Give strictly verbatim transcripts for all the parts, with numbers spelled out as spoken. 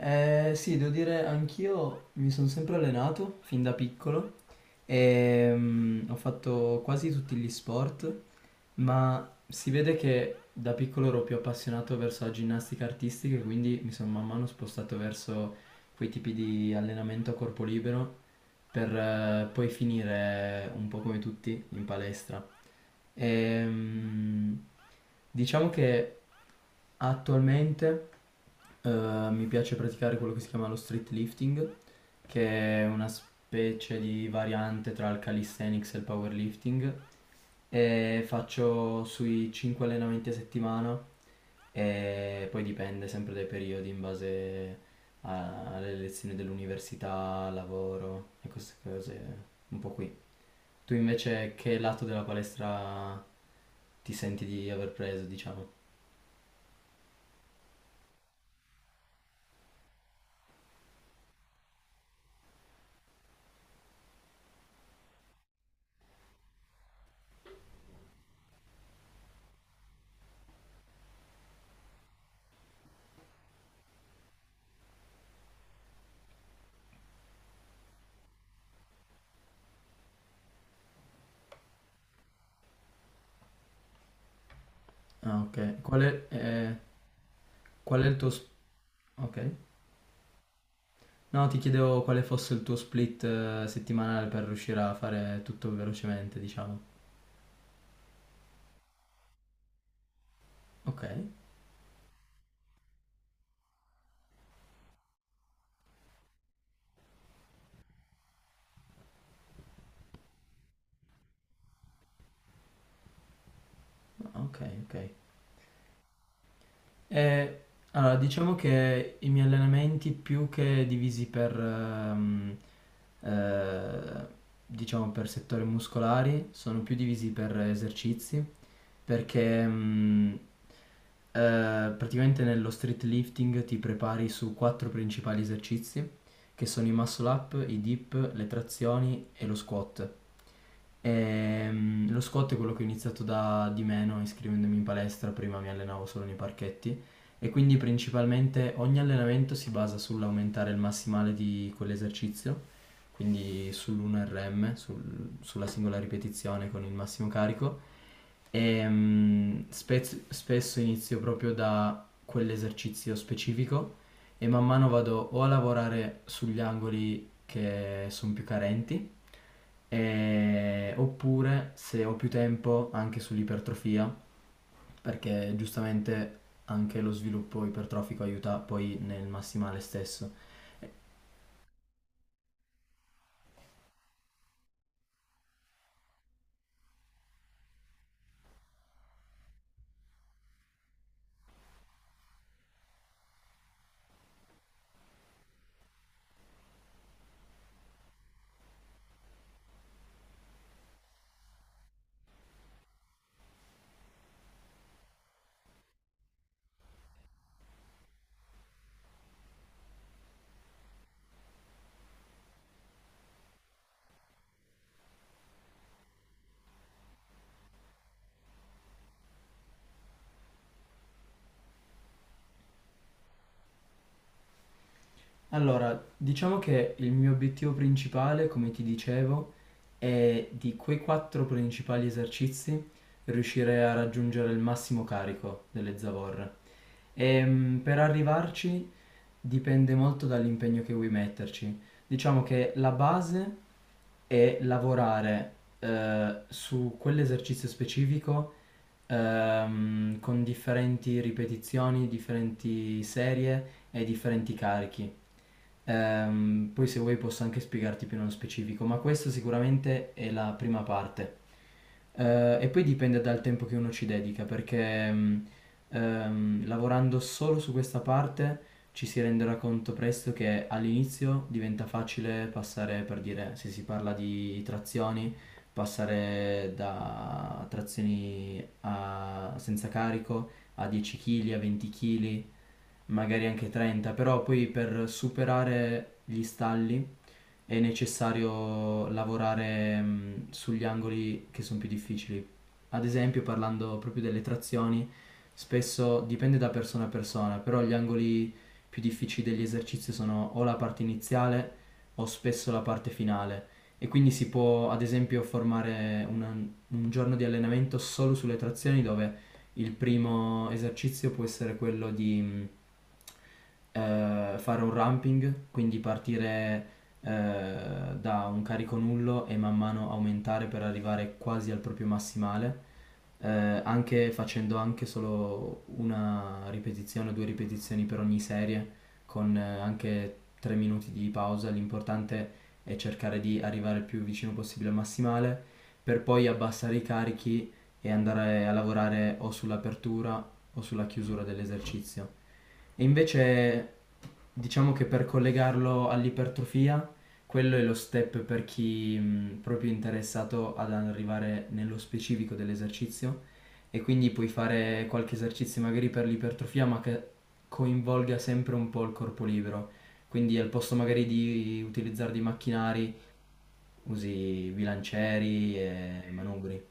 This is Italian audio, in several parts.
Eh, sì, devo dire, anch'io mi sono sempre allenato fin da piccolo e mm, ho fatto quasi tutti gli sport, ma si vede che da piccolo ero più appassionato verso la ginnastica artistica e quindi mi sono man mano spostato verso quei tipi di allenamento a corpo libero per eh, poi finire un po' come tutti in palestra. Ehm, diciamo che attualmente eh, mi piace praticare quello che si chiama lo street lifting, che è una specie di variante tra il calisthenics e il powerlifting, e faccio sui cinque allenamenti a settimana e poi dipende sempre dai periodi in base a- alle lezioni dell'università, lavoro e queste cose un po' qui. Tu invece che lato della palestra ti senti di aver preso, diciamo? Ah, ok. Qual è, eh, qual è il tuo... sp- Ok. No, ti chiedevo quale fosse il tuo split eh, settimanale per riuscire a fare tutto velocemente, diciamo. Ok. Ah, ok, ok. Eh, allora, diciamo che i miei allenamenti più che divisi per, ehm, eh, diciamo per settori muscolari, sono più divisi per esercizi, perché mm, eh, praticamente nello street lifting ti prepari su quattro principali esercizi, che sono i muscle up, i dip, le trazioni e lo squat. Ehm, lo squat è quello che ho iniziato da di meno iscrivendomi in palestra, prima mi allenavo solo nei parchetti e quindi principalmente ogni allenamento si basa sull'aumentare il massimale di quell'esercizio, quindi sull'uno R M, sul- sulla singola ripetizione con il massimo carico. E mm, spez- spesso inizio proprio da quell'esercizio specifico e man mano vado o a lavorare sugli angoli che sono più carenti, e- oppure se ho più tempo anche sull'ipertrofia, perché giustamente anche lo sviluppo ipertrofico aiuta poi nel massimale stesso. Allora, diciamo che il mio obiettivo principale, come ti dicevo, è di quei quattro principali esercizi riuscire a raggiungere il massimo carico delle zavorre. Ehm, per arrivarci dipende molto dall'impegno che vuoi metterci. Diciamo che la base è lavorare eh, su quell'esercizio specifico ehm, con differenti ripetizioni, differenti serie e differenti carichi. Ehm, poi se vuoi posso anche spiegarti più nello specifico, ma questa sicuramente è la prima parte. Eh, e poi dipende dal tempo che uno ci dedica, perché mh, ehm, lavorando solo su questa parte ci si renderà conto presto che all'inizio diventa facile passare, per dire, se si parla di trazioni, passare da trazioni a- senza carico a dieci chili, a venti chili, magari anche trenta, però poi per superare gli stalli è necessario lavorare mh, sugli angoli che sono più difficili. Ad esempio, parlando proprio delle trazioni, spesso dipende da persona a persona, però gli angoli più difficili degli esercizi sono o la parte iniziale o spesso la parte finale. E quindi si può, ad esempio, formare una- un giorno di allenamento solo sulle trazioni dove il primo esercizio può essere quello di mh, eh, fare un ramping, quindi partire eh, da un carico nullo e man mano aumentare per arrivare quasi al proprio massimale, eh, anche facendo anche solo una ripetizione o due ripetizioni per ogni serie, con eh, anche tre minuti di pausa. L'importante è cercare di arrivare il più vicino possibile al massimale, per poi abbassare i carichi e andare a lavorare o sull'apertura o sulla chiusura dell'esercizio. E invece diciamo che per collegarlo all'ipertrofia quello è lo step per chi mh, proprio è interessato ad arrivare nello specifico dell'esercizio e quindi puoi fare qualche esercizio magari per l'ipertrofia ma che coinvolga sempre un po' il corpo libero. Quindi al posto magari di utilizzare dei macchinari usi bilancieri e manubri.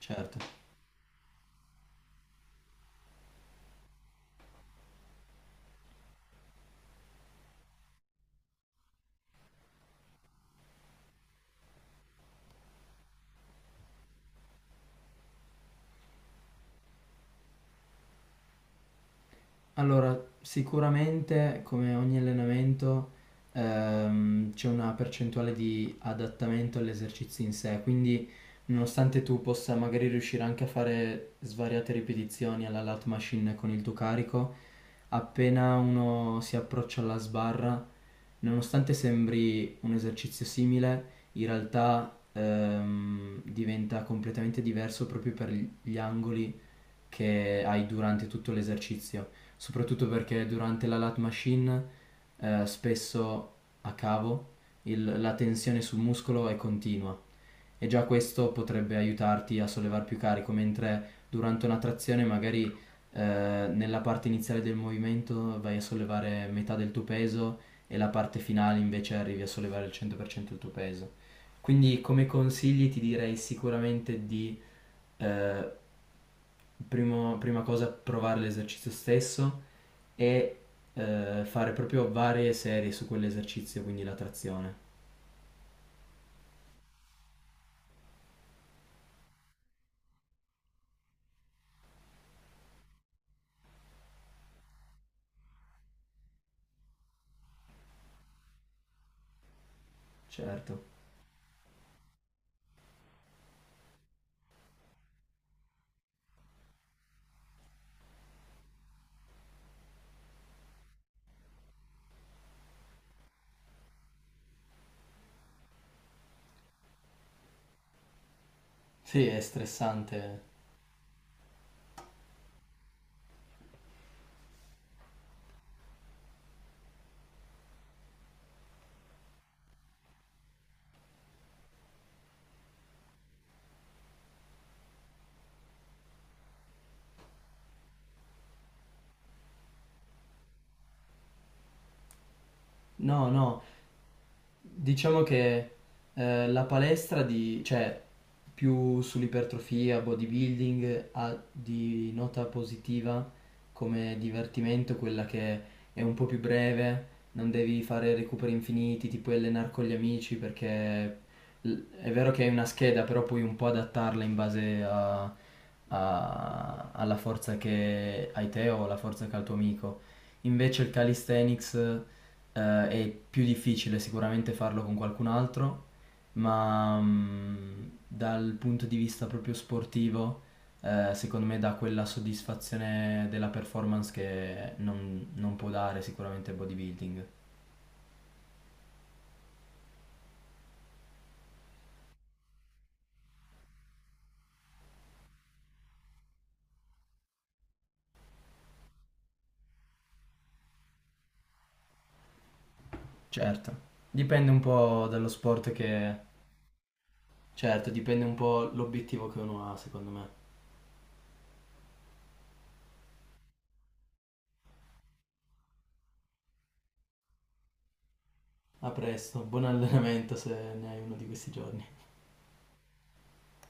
Certo. Allora, sicuramente come ogni allenamento ehm, c'è una percentuale di adattamento all'esercizio in sé, quindi nonostante tu possa magari riuscire anche a fare svariate ripetizioni alla lat machine con il tuo carico, appena uno si approccia alla sbarra, nonostante sembri un esercizio simile, in realtà ehm, diventa completamente diverso proprio per gli angoli che hai durante tutto l'esercizio, soprattutto perché durante la lat machine eh, spesso a cavo il- la tensione sul muscolo è continua e già questo potrebbe aiutarti a sollevare più carico, mentre durante una trazione magari eh, nella parte iniziale del movimento vai a sollevare metà del tuo peso e la parte finale invece arrivi a sollevare il cento per cento del tuo peso. Quindi come consigli ti direi sicuramente di eh, primo- prima cosa provare l'esercizio stesso e eh, fare proprio varie serie su quell'esercizio, quindi la trazione. Certo. Sì, è stressante. No, no, diciamo che eh, la palestra di, cioè più sull'ipertrofia, bodybuilding, ha di nota positiva come divertimento quella che è un po' più breve, non devi fare recuperi infiniti, ti puoi allenare con gli amici perché l- è vero che hai una scheda, però puoi un po' adattarla in base a- a- alla forza che hai te o alla forza che ha il tuo amico. Invece il calisthenics eh, è più difficile sicuramente farlo con qualcun altro, ma mm, dal punto di vista proprio sportivo, eh, secondo me dà quella soddisfazione della performance che non, non può dare sicuramente il bodybuilding. Certo, dipende un po' dallo sport che... Certo, dipende un po' l'obiettivo che uno ha, secondo me. A presto, buon allenamento se ne hai uno di questi giorni.